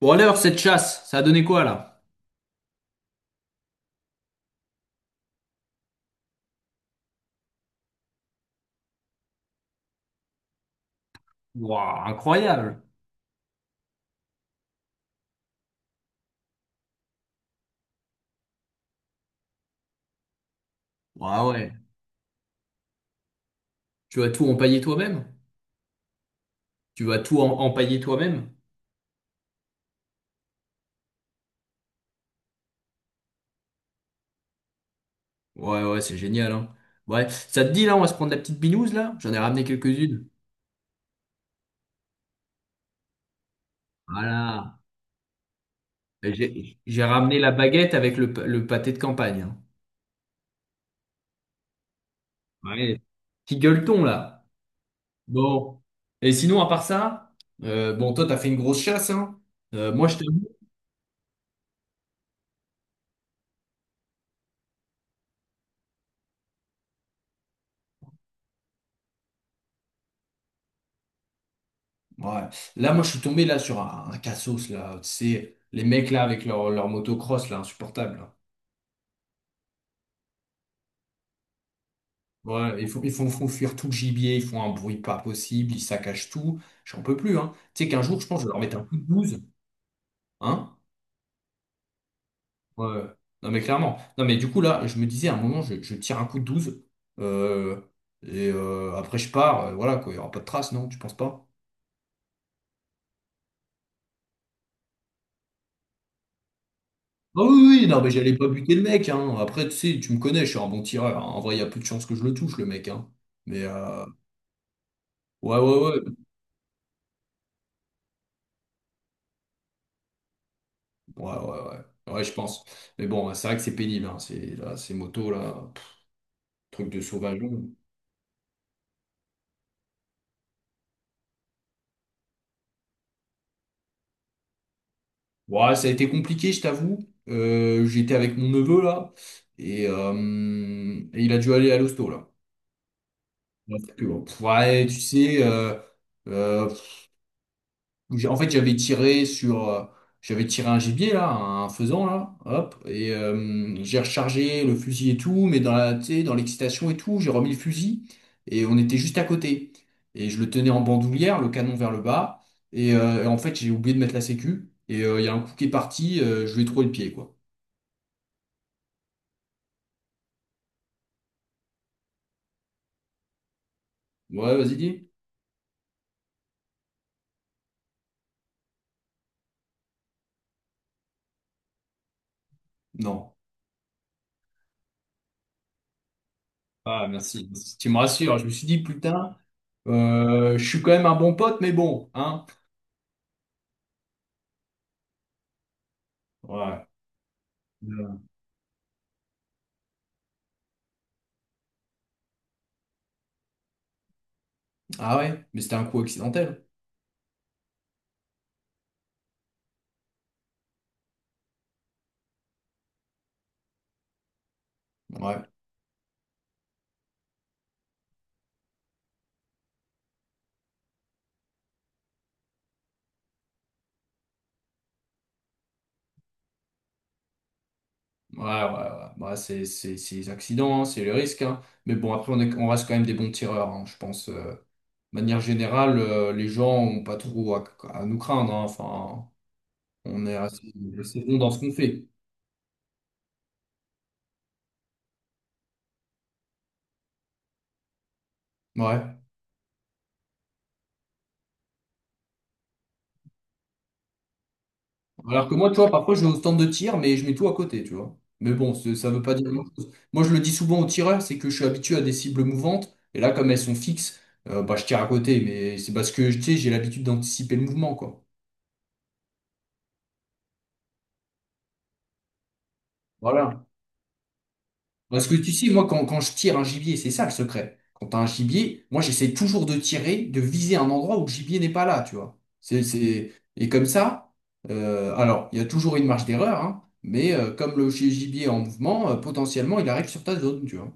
Bon alors, cette chasse, ça a donné quoi là? Waouh, incroyable! Waouh, ouais. Tu vas tout empailler toi-même? Tu vas empailler toi-même? Ouais, ouais, c'est génial, hein. Ouais, ça te dit là, on va se prendre la petite binouse là? J'en ai ramené quelques-unes. Voilà. Et j'ai ramené la baguette avec le pâté de campagne, hein. Ouais. Qui gueule-t-on là? Bon. Et sinon, à part ça, bon, toi, t'as fait une grosse chasse, hein? Moi, je t'avoue. Ouais. Là, moi, je suis tombé là sur un cassos, là. Tu sais, les mecs là avec leur motocross, là, insupportable, là. Ouais, ils font, font fuir tout le gibier, ils font un bruit pas possible, ils saccagent tout. J'en peux plus, hein. Tu sais qu'un jour, je pense, je vais leur mettre un coup de douze. Hein? Ouais. Non, mais clairement. Non, mais du coup, là, je me disais, à un moment, je tire un coup de douze, euh, et après, je pars, voilà, quoi. Il n'y aura pas de trace, non? Tu penses pas? Ah oui, oui, non, mais j'allais pas buter le mec, hein. Après, tu sais, tu me connais, je suis un bon tireur, hein. En vrai, il y a peu de chances que je le touche, le mec, hein. Mais euh, Ouais, ouais, ouais. Ouais, ouais, ouais. Ouais, je pense. Mais bon, c'est vrai que c'est pénible, hein, ces motos, là. Truc de sauvageon. Ouais, ça a été compliqué, je t'avoue. J'étais avec mon neveu, là. Et, euh, et il a dû aller à l'hosto, là. Ouais, c'est que, ouais, tu sais, euh, donc, en fait, j'avais tiré sur, j'avais tiré un gibier là, un faisan là, hop, et j'ai rechargé le fusil et tout, mais dans la, tu sais, dans l'excitation et tout, j'ai remis le fusil et on était juste à côté. Et je le tenais en bandoulière, le canon vers le bas, et en fait, j'ai oublié de mettre la sécu. Et il y a un coup qui est parti, je lui ai trouvé le pied quoi. Ouais, vas-y dis. Non. Ah merci. Tu me rassures. Je me suis dit putain, je suis quand même un bon pote, mais bon, hein. Ouais. Ah ouais, mais c'était un coup accidentel. Ouais. Ouais, ouais, ouais. Bah, c'est les accidents, hein, c'est le risque, hein. Mais bon, après, on reste quand même des bons tireurs, hein, je pense, De manière générale, les gens ont pas trop à nous craindre, hein. Enfin, on est assez, assez bon dans ce qu'on fait. Ouais. Alors que moi, tu vois, parfois, je vais au stand de tir, mais je mets tout à côté, tu vois. Mais bon, ça veut pas dire grand-chose. Moi, je le dis souvent aux tireurs, c'est que je suis habitué à des cibles mouvantes. Et là, comme elles sont fixes, bah, je tire à côté. Mais c'est parce que, tu sais, j'ai l'habitude d'anticiper le mouvement, quoi. Voilà. Parce que tu sais, moi, quand je tire un gibier, c'est ça le secret. Quand t'as un gibier, moi, j'essaie toujours de tirer, de viser un endroit où le gibier n'est pas là, tu vois. C'est... Et comme ça, alors, il y a toujours une marge d'erreur, hein, mais comme le gibier est en mouvement, potentiellement, il arrive sur ta zone, tu vois.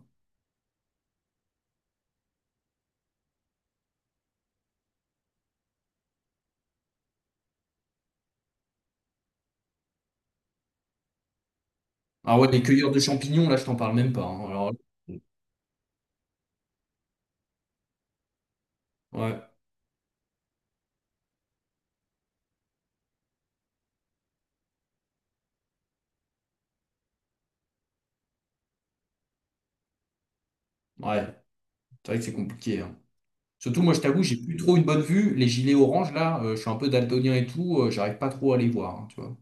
Ah ouais, les cueilleurs de champignons, là, je t'en parle même pas, hein. Alors, ouais, ouais, c'est vrai que c'est compliqué, hein. Surtout, moi, je t'avoue, j'ai plus trop une bonne vue. Les gilets oranges, là, je suis un peu daltonien et tout, j'arrive pas trop à les voir, hein, tu vois.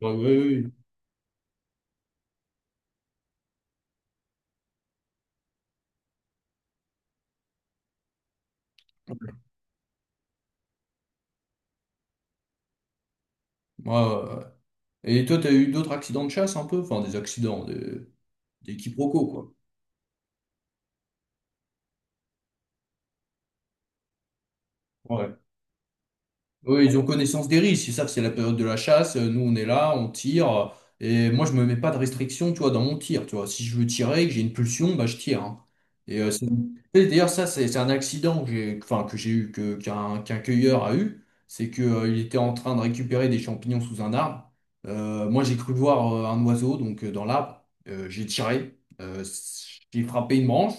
Ouais, ouais, ouais. Moi, et toi, t'as eu d'autres accidents de chasse un peu? Enfin, des accidents, des quiproquos, quoi. Oui, ils ont connaissance des risques. Ils savent que c'est la période de la chasse. Nous, on est là, on tire. Et moi, je me mets pas de restriction, tu vois, dans mon tir. Tu vois, si je veux tirer, et que j'ai une pulsion, bah, je tire, hein. Et, euh, c'est- et d'ailleurs, ça, c'est un accident que j'ai, enfin, que j'ai eu, qu'un cueilleur a eu. C'est que, il était en train de récupérer des champignons sous un arbre. Moi, j'ai cru voir un oiseau, donc, dans l'arbre. J'ai tiré. J'ai frappé une branche.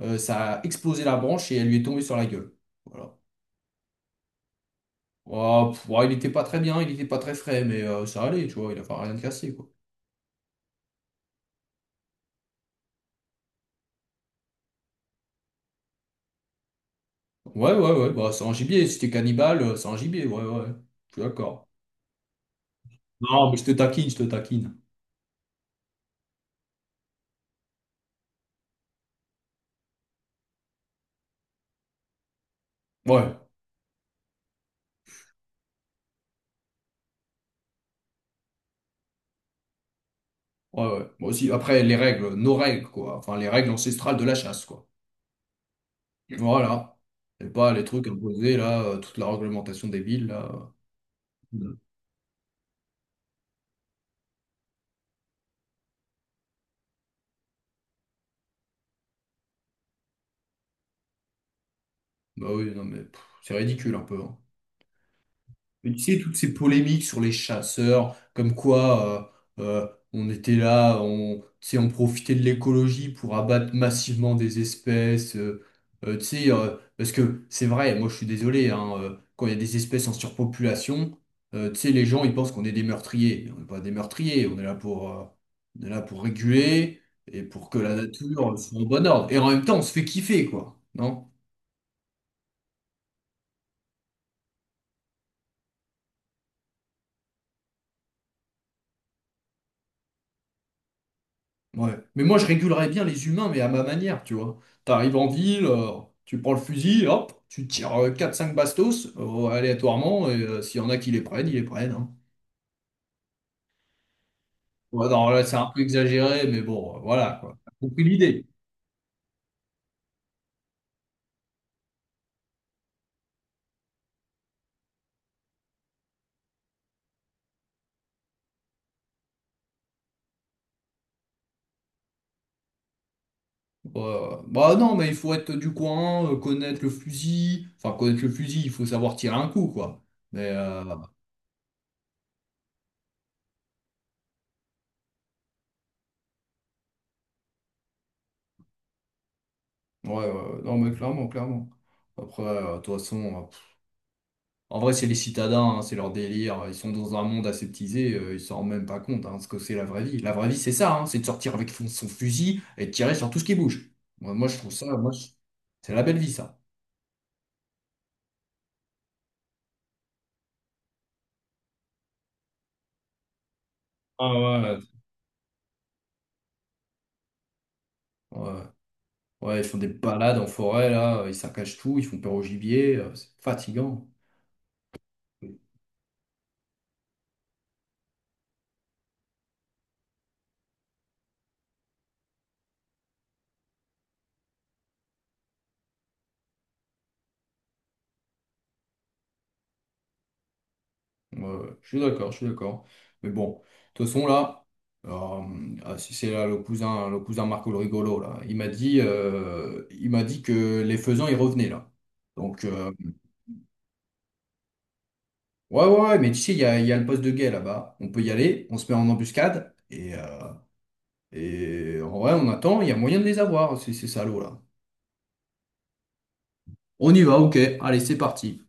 Ça a explosé la branche et elle lui est tombée sur la gueule. Voilà. Ouah, pff, ouah, il était pas très bien, il était pas très frais, mais ça allait, tu vois, il a pas rien de cassé, quoi. Ouais, ouais, ouais, bah c'est un gibier, si t'es cannibale, c'est un gibier, ouais, ouais, je suis d'accord. Non, mais je te taquine, je te taquine. Ouais, ouais, ouais, moi aussi, après, les règles, nos règles, quoi, enfin, les règles ancestrales de la chasse, quoi. Voilà, et pas les trucs imposés, là, toute la réglementation des villes, là. Mm. Bah oui, non, mais pff, c'est ridicule, un peu, hein. Mais tu sais, toutes ces polémiques sur les chasseurs, comme quoi on était là, tu sais, on profitait de l'écologie pour abattre massivement des espèces. Tu sais, parce que c'est vrai, moi je suis désolé, hein, quand il y a des espèces en surpopulation, tu sais, les gens ils pensent qu'on est des meurtriers. On n'est pas des meurtriers, on est là pour, on est là pour réguler et pour que la nature soit en bon ordre. Et en même temps, on se fait kiffer, quoi, non? Ouais. Mais moi, je régulerais bien les humains, mais à ma manière, tu vois. T'arrives en ville, tu prends le fusil, hop, tu tires 4-5 bastos, aléatoirement, et s'il y en a qui les prennent, ils les prennent, hein. Ouais, non, là, c'est un peu exagéré, mais bon, voilà, quoi. T'as compris l'idée. Bah non, mais il faut être du coin, connaître le fusil. Enfin, connaître le fusil, il faut savoir tirer un coup, quoi. Mais, euh, ouais, ouais, ouais. Non, mais clairement, clairement. Après, de toute façon. En vrai, c'est les citadins, hein, c'est leur délire. Ils sont dans un monde aseptisé, ils s'en rendent même pas compte, hein, ce que c'est la vraie vie. La vraie vie, c'est ça, hein, c'est de sortir avec son, son fusil et de tirer sur tout ce qui bouge. Moi, moi, je trouve ça, moi, je- C'est la belle vie, ça. Ah ouais. Ouais, ouais, ils font des balades en forêt, là, ils saccagent tout, ils font peur au gibier, c'est fatigant. Ouais, ouais, je suis d'accord, je suis d'accord. Mais bon, de toute façon, là, alors, ah, si c'est là le cousin Marco le rigolo, là, il m'a dit que les faisans, ils revenaient, là. Donc, ouais, ouais, ouais, mais tu sais, il y a le poste de guet là-bas. On peut y aller, on se met en embuscade, et en vrai, on attend, il y a moyen de les avoir, ces salauds, là. On y va, ok, allez, c'est parti.